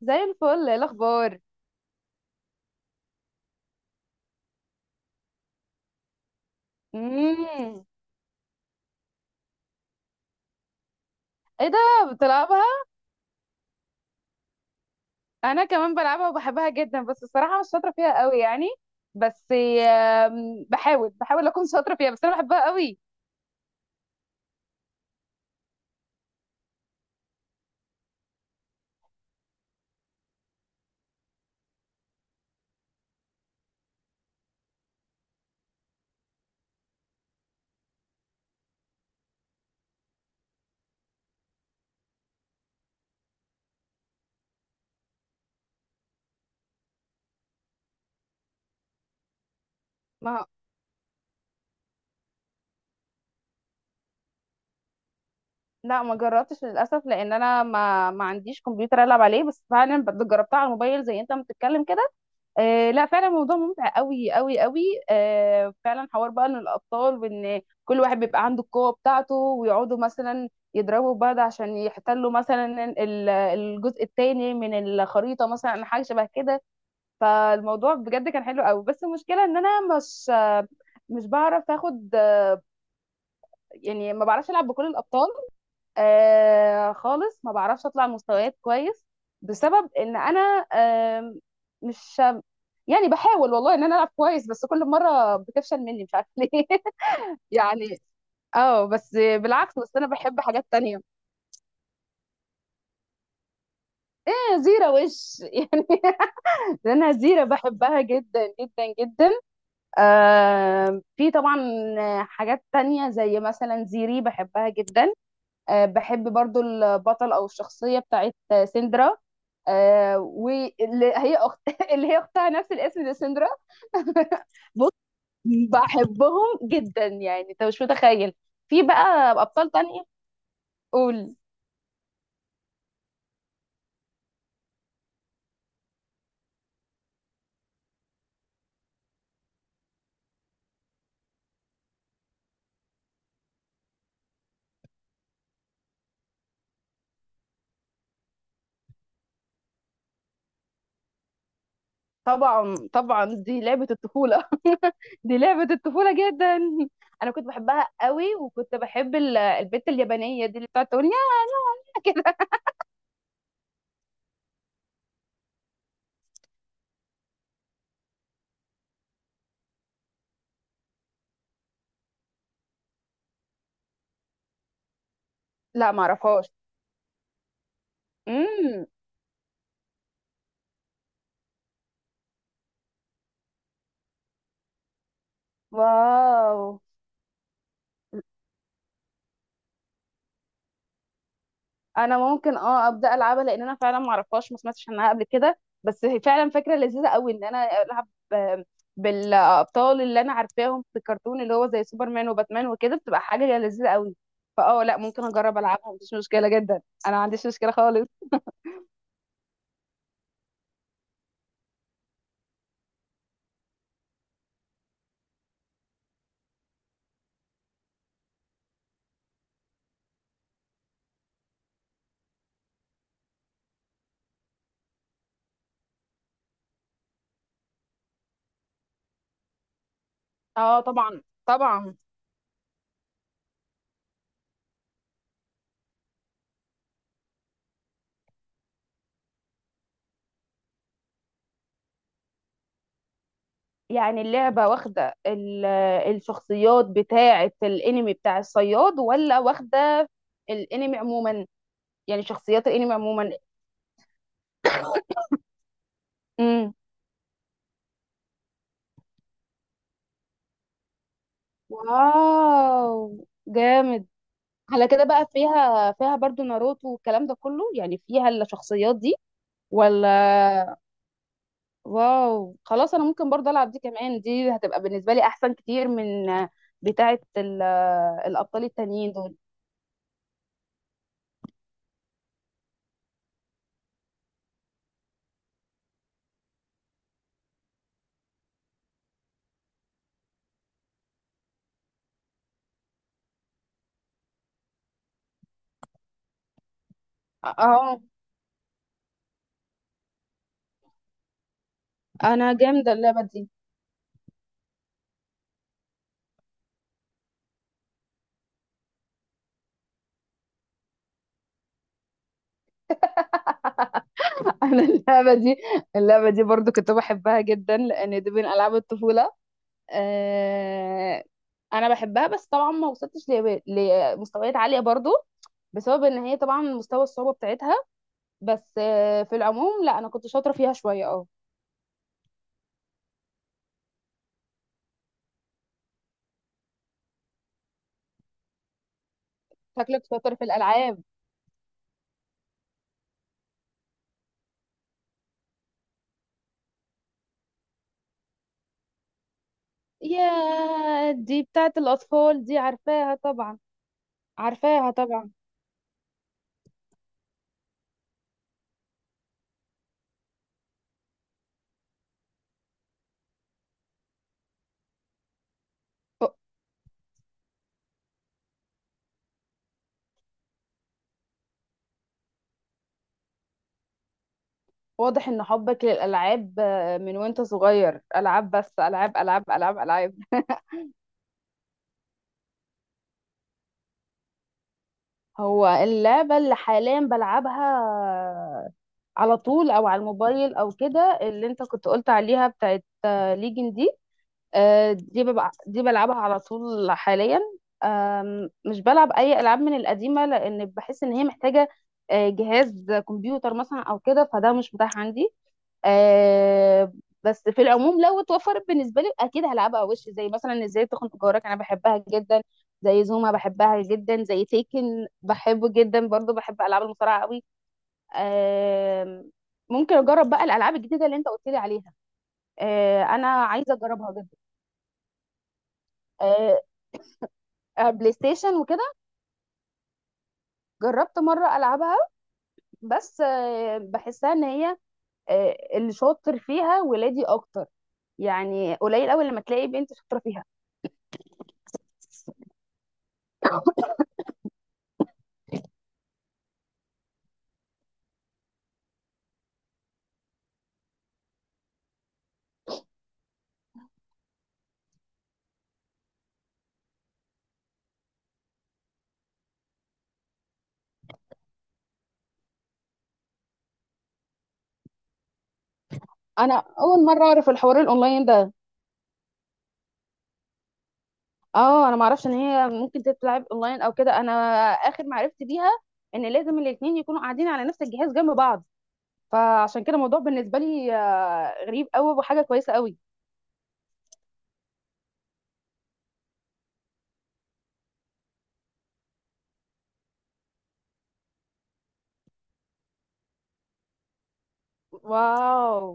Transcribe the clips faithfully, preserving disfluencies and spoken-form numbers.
زي الفل. ايه الاخبار؟ امم. ايه ده؟ بتلعبها؟ انا كمان بلعبها وبحبها جدا، بس الصراحه مش شاطره فيها قوي يعني. بس آم، بحاول بحاول اكون شاطره فيها، بس انا بحبها قوي. ما لا، ما جربتش للاسف، لان انا ما ما عنديش كمبيوتر العب عليه، بس فعلا بد- جربتها على الموبايل زي انت ما بتتكلم كده. آه لا، فعلا موضوع ممتع قوي قوي قوي. آه فعلا، حوار بقى ان الابطال وان كل واحد بيبقى عنده القوه بتاعته ويقعدوا مثلا يضربوا بعض عشان يحتلوا مثلا ال- الجزء التاني من الخريطه، مثلا حاجه شبه كده. فالموضوع بجد كان حلو قوي، بس المشكله ان انا مش مش بعرف اخد، يعني ما بعرفش العب بكل الابطال. آه خالص ما بعرفش اطلع مستويات كويس. بسبب ان انا آه مش يعني بحاول والله ان انا العب كويس، بس كل مره بتفشل مني، مش عارفه ليه. يعني، اه بس بالعكس، بس انا بحب حاجات تانية. أنا زيرة وش. يعني، انا زيرة بحبها جدا جدا جدا. آه، في طبعا حاجات تانية زي مثلا زيري بحبها جدا. آه، بحب برضو البطل او الشخصية بتاعت سندرا. آه، واللي هي أخت اللي هي اختها، نفس الاسم دي سندرا. بص، بحبهم جدا يعني انت مش متخيل. في بقى ابطال تانية. قول. طبعا طبعا، دي لعبة الطفولة. دي لعبة الطفولة جدا. انا كنت بحبها قوي، وكنت بحب ال- البت اليابانية دي اللي بتقعد تقول يا. كده. لا، ما اعرفهاش. امم. واو. انا ممكن اه ابدا العبها، لان انا فعلا ما اعرفهاش، ما سمعتش عنها قبل كده، بس هي فعلا فكره لذيذه قوي ان انا العب آه، بالابطال اللي انا عارفاهم في الكرتون، اللي هو زي سوبرمان وباتمان وكده، بتبقى حاجه لذيذه قوي. فاه لا، ممكن اجرب العبها، ما عنديش مشكله جدا. انا ما عنديش مشكله خالص. اه، طبعا طبعا. يعني اللعبه واخده ال- الشخصيات بتاعه الانمي بتاع الصياد، ولا واخده الانمي عموما، يعني شخصيات الانمي عموما؟ واو، جامد. على كده بقى، فيها فيها برضو ناروتو والكلام ده كله، يعني فيها الشخصيات دي ولا؟ واو خلاص، انا ممكن برضو العب دي كمان، دي هتبقى بالنسبة لي احسن كتير من بتاعة ال- الابطال التانيين دول. اه. انا جامدة اللعبة دي. انا اللعبة دي اللعبة دي برضو كنت بحبها جدا، لان دي من العاب الطفولة. آه، انا بحبها، بس طبعا ما وصلتش ل- لمستويات عالية برضو، بسبب ان هي طبعا مستوى الصعوبه بتاعتها. بس آه، في العموم لا، انا كنت شاطره فيها شويه اه. شكلك شاطر في الالعاب. يا دي بتاعت الاطفال، دي عارفاها طبعا. عارفاها طبعا. ف- واضح ان حبك للالعاب آه، من وانت صغير، العاب بس، العاب العاب العاب العاب. هو اللعبه اللي حاليا بلعبها آه، على طول او على الموبايل او كده، اللي انت كنت قلت عليها بتاعت ليجن دي. آه، دي ببقى دي بلعبها على طول حاليا. آم، مش بلعب اي العاب من القديمه، لان بحس ان هي محتاجه آه، جهاز كمبيوتر مثلا او كده، فده مش متاح عندي. آه، بس في العموم لو اتوفرت بالنسبه لي اكيد هلعبها. وش زي مثلا ازاي تخنق جارك انا بحبها جدا، زي زوما بحبها جدا، زي تيكن بحبه جدا، برضو بحب العاب المصارعه قوي. آم، ممكن اجرب بقى الالعاب الجديده اللي انت قلت لي عليها، آه، انا عايزه اجربها جدا. آه، آه، بلاي ستيشن وكده. جربت مرة ألعبها، بس آه، بحسها إن هي آه، اللي شاطر فيها ولادي أكتر. يعني قليل أوي لما تلاقي بنت شاطرة فيها. أنا أول مرة أعرف الحوار الأونلاين ده. اه، أنا معرفش إن هي ممكن تتلعب أونلاين أو كده. أنا آخر معرفتي بيها إن لازم الاتنين يكونوا قاعدين على نفس الجهاز جنب بعض، فعشان كده الموضوع بالنسبة لي آه، غريب أوي وحاجة كويسة أوي. واو.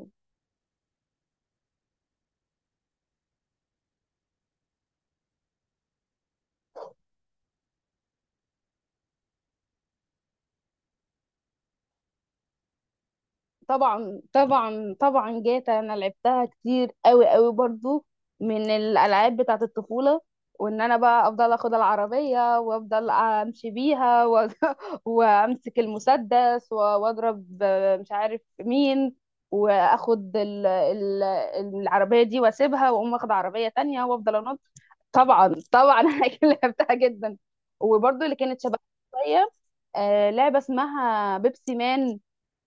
طبعا طبعا طبعا، جاتا انا لعبتها كتير قوي قوي، برضو من الالعاب بتاعه الطفوله. وان انا بقى افضل اخد العربيه وافضل امشي بيها و. وامسك المسدس و- واضرب، مش عارف مين. واخد ال... ال... العربيه دي واسيبها، واقوم واخد عربيه تانية وافضل انط. طبعا طبعا. انا أكيد لعبتها جدا. وبرضو اللي كانت شبه شويه، آه، لعبه اسمها بيبسي مان،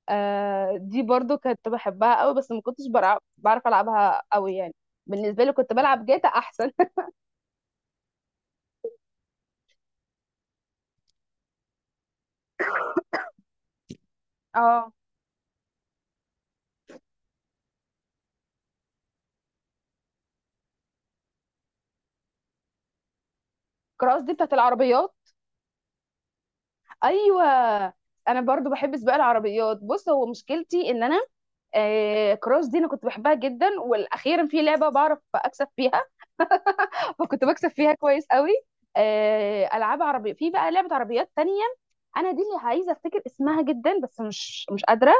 آه، دي برضو كنت بحبها قوي، بس ما كنتش برع- بعرف العبها قوي يعني. بالنسبه لي كنت بلعب جاتا احسن. اه، كراس دي بتاعت العربيات. ايوه، انا برضو بحب سباق العربيات. بص، هو مشكلتي ان انا آه، كراس دي انا كنت بحبها جدا، والاخيرا في لعبه بعرف اكسب فيها. فكنت بكسب فيها كويس قوي. آه، العاب عربيه، في بقى لعبه عربيات تانية انا دي اللي عايزه افتكر اسمها جدا، بس مش مش قادره.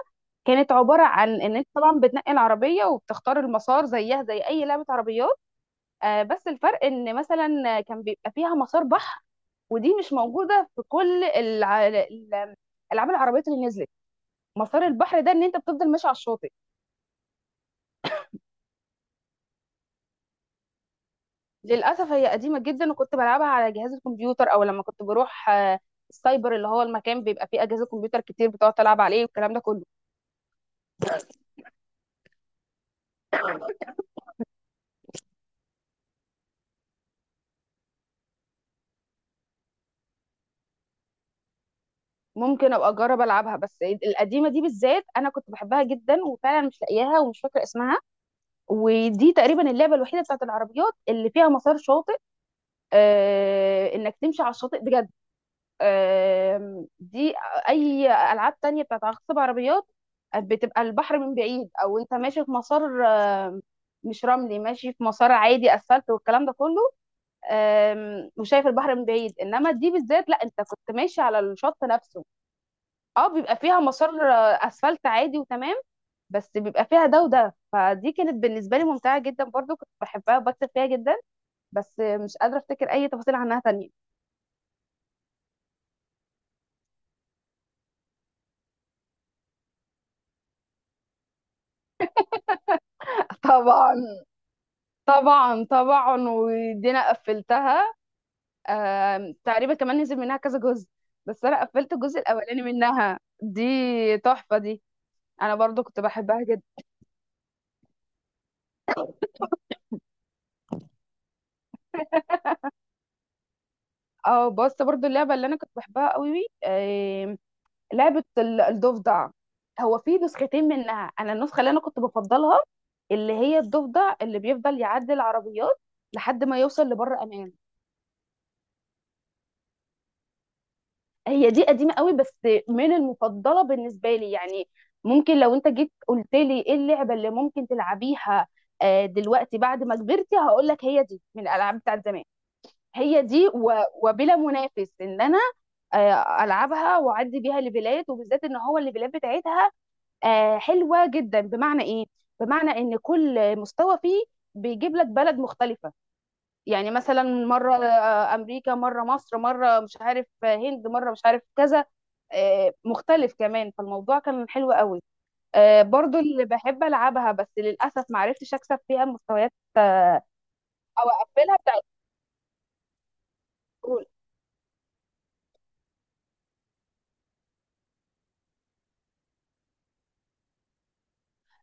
كانت عباره عن ان انت طبعا بتنقي العربيه وبتختار المسار، زيها زي اي لعبه عربيات. آه بس الفرق ان مثلا كان بيبقى فيها مسار بحر، ودي مش موجوده في كل الع- ال- الالعاب العربيات اللي نزلت. مسار البحر ده ان انت بتفضل ماشي على الشاطئ. للاسف هي قديمه جدا، وكنت بلعبها على جهاز الكمبيوتر، او لما كنت بروح آه، السايبر، اللي هو المكان بيبقى فيه اجهزه كمبيوتر كتير بتقعد تلعب عليه والكلام ده كله. ممكن ابقى اجرب العبها، بس القديمه دي بالذات انا كنت بحبها جدا وفعلا مش لاقياها ومش فاكره اسمها. ودي تقريبا اللعبه الوحيده بتاعت العربيات اللي فيها مسار شاطئ، آه انك تمشي على الشاطئ بجد. آه دي، اي العاب تانية بتاعت عصب عربيات بتبقى البحر من بعيد، او انت ماشي في مسار آه مش رملي، ماشي في مسار عادي اسفلت والكلام ده كله. آم، وشايف البحر من بعيد، انما دي بالذات لا، انت كنت ماشي على الشط نفسه. اه بيبقى فيها مسار آه، اسفلت عادي، وتمام. بس بيبقى فيها ده وده، فدي كانت بالنسبه لي ممتعه جدا برضو، كنت بحبها وبكتب فيها جدا، بس مش قادره افتكر اي تفاصيل عنها تانية. طبعا طبعا طبعا، ودي انا قفلتها. آم، تقريبا كمان نزل منها كذا جزء، بس انا قفلت الجزء الاولاني منها دي. تحفه دي، انا برضو كنت بحبها جدا. اه بص، برضو اللعبه اللي انا كنت بحبها قوي لعبة ال- الضفدع. هو في نسختين منها، انا النسخة اللي انا كنت بفضلها اللي هي الضفدع اللي بيفضل يعدي العربيات لحد ما يوصل لبر امان. هي دي قديمة قوي، بس من المفضلة بالنسبة لي يعني. ممكن لو انت جيت قلت لي ايه اللعبة اللي ممكن تلعبيها آه، دلوقتي بعد ما كبرتي، هقول لك هي دي من الالعاب بتاعت زمان. هي دي و- وبلا منافس ان انا آه، العبها واعدي بيها لبلاد، وبالذات ان هو الليفلات بتاعتها آه، حلوه جدا. بمعنى ايه؟ بمعنى ان كل مستوى فيه بيجيب لك بلد مختلفه. يعني مثلا مره آه، امريكا، مره مصر، مره مش عارف آه، هند، مره مش عارف كذا آه، مختلف كمان. فالموضوع كان حلو قوي. آه، برضو اللي بحب العبها، بس للاسف ما عرفتش اكسب فيها المستويات او اقفلها بتاعت كورونا.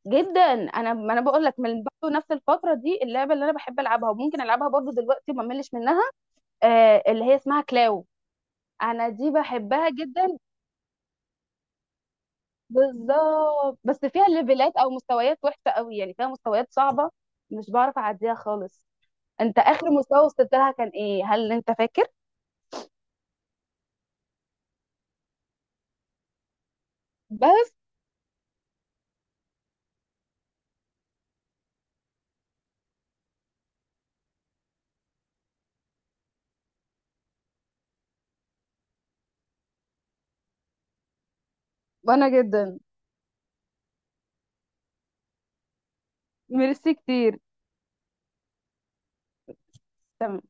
جدا، انا ما انا بقول لك من برضه نفس الفتره دي اللعبه اللي انا بحب العبها وممكن العبها برضه دلوقتي وما ملش منها، آه، اللي هي اسمها كلاو. انا دي بحبها جدا. بالظبط، بس فيها ليفلات او مستويات وحشه قوي، يعني فيها مستويات صعبه مش بعرف اعديها خالص. انت اخر مستوى وصلت لها كان ايه؟ هل انت فاكر؟ بس. وانا جدا، ميرسي كتير. تمام.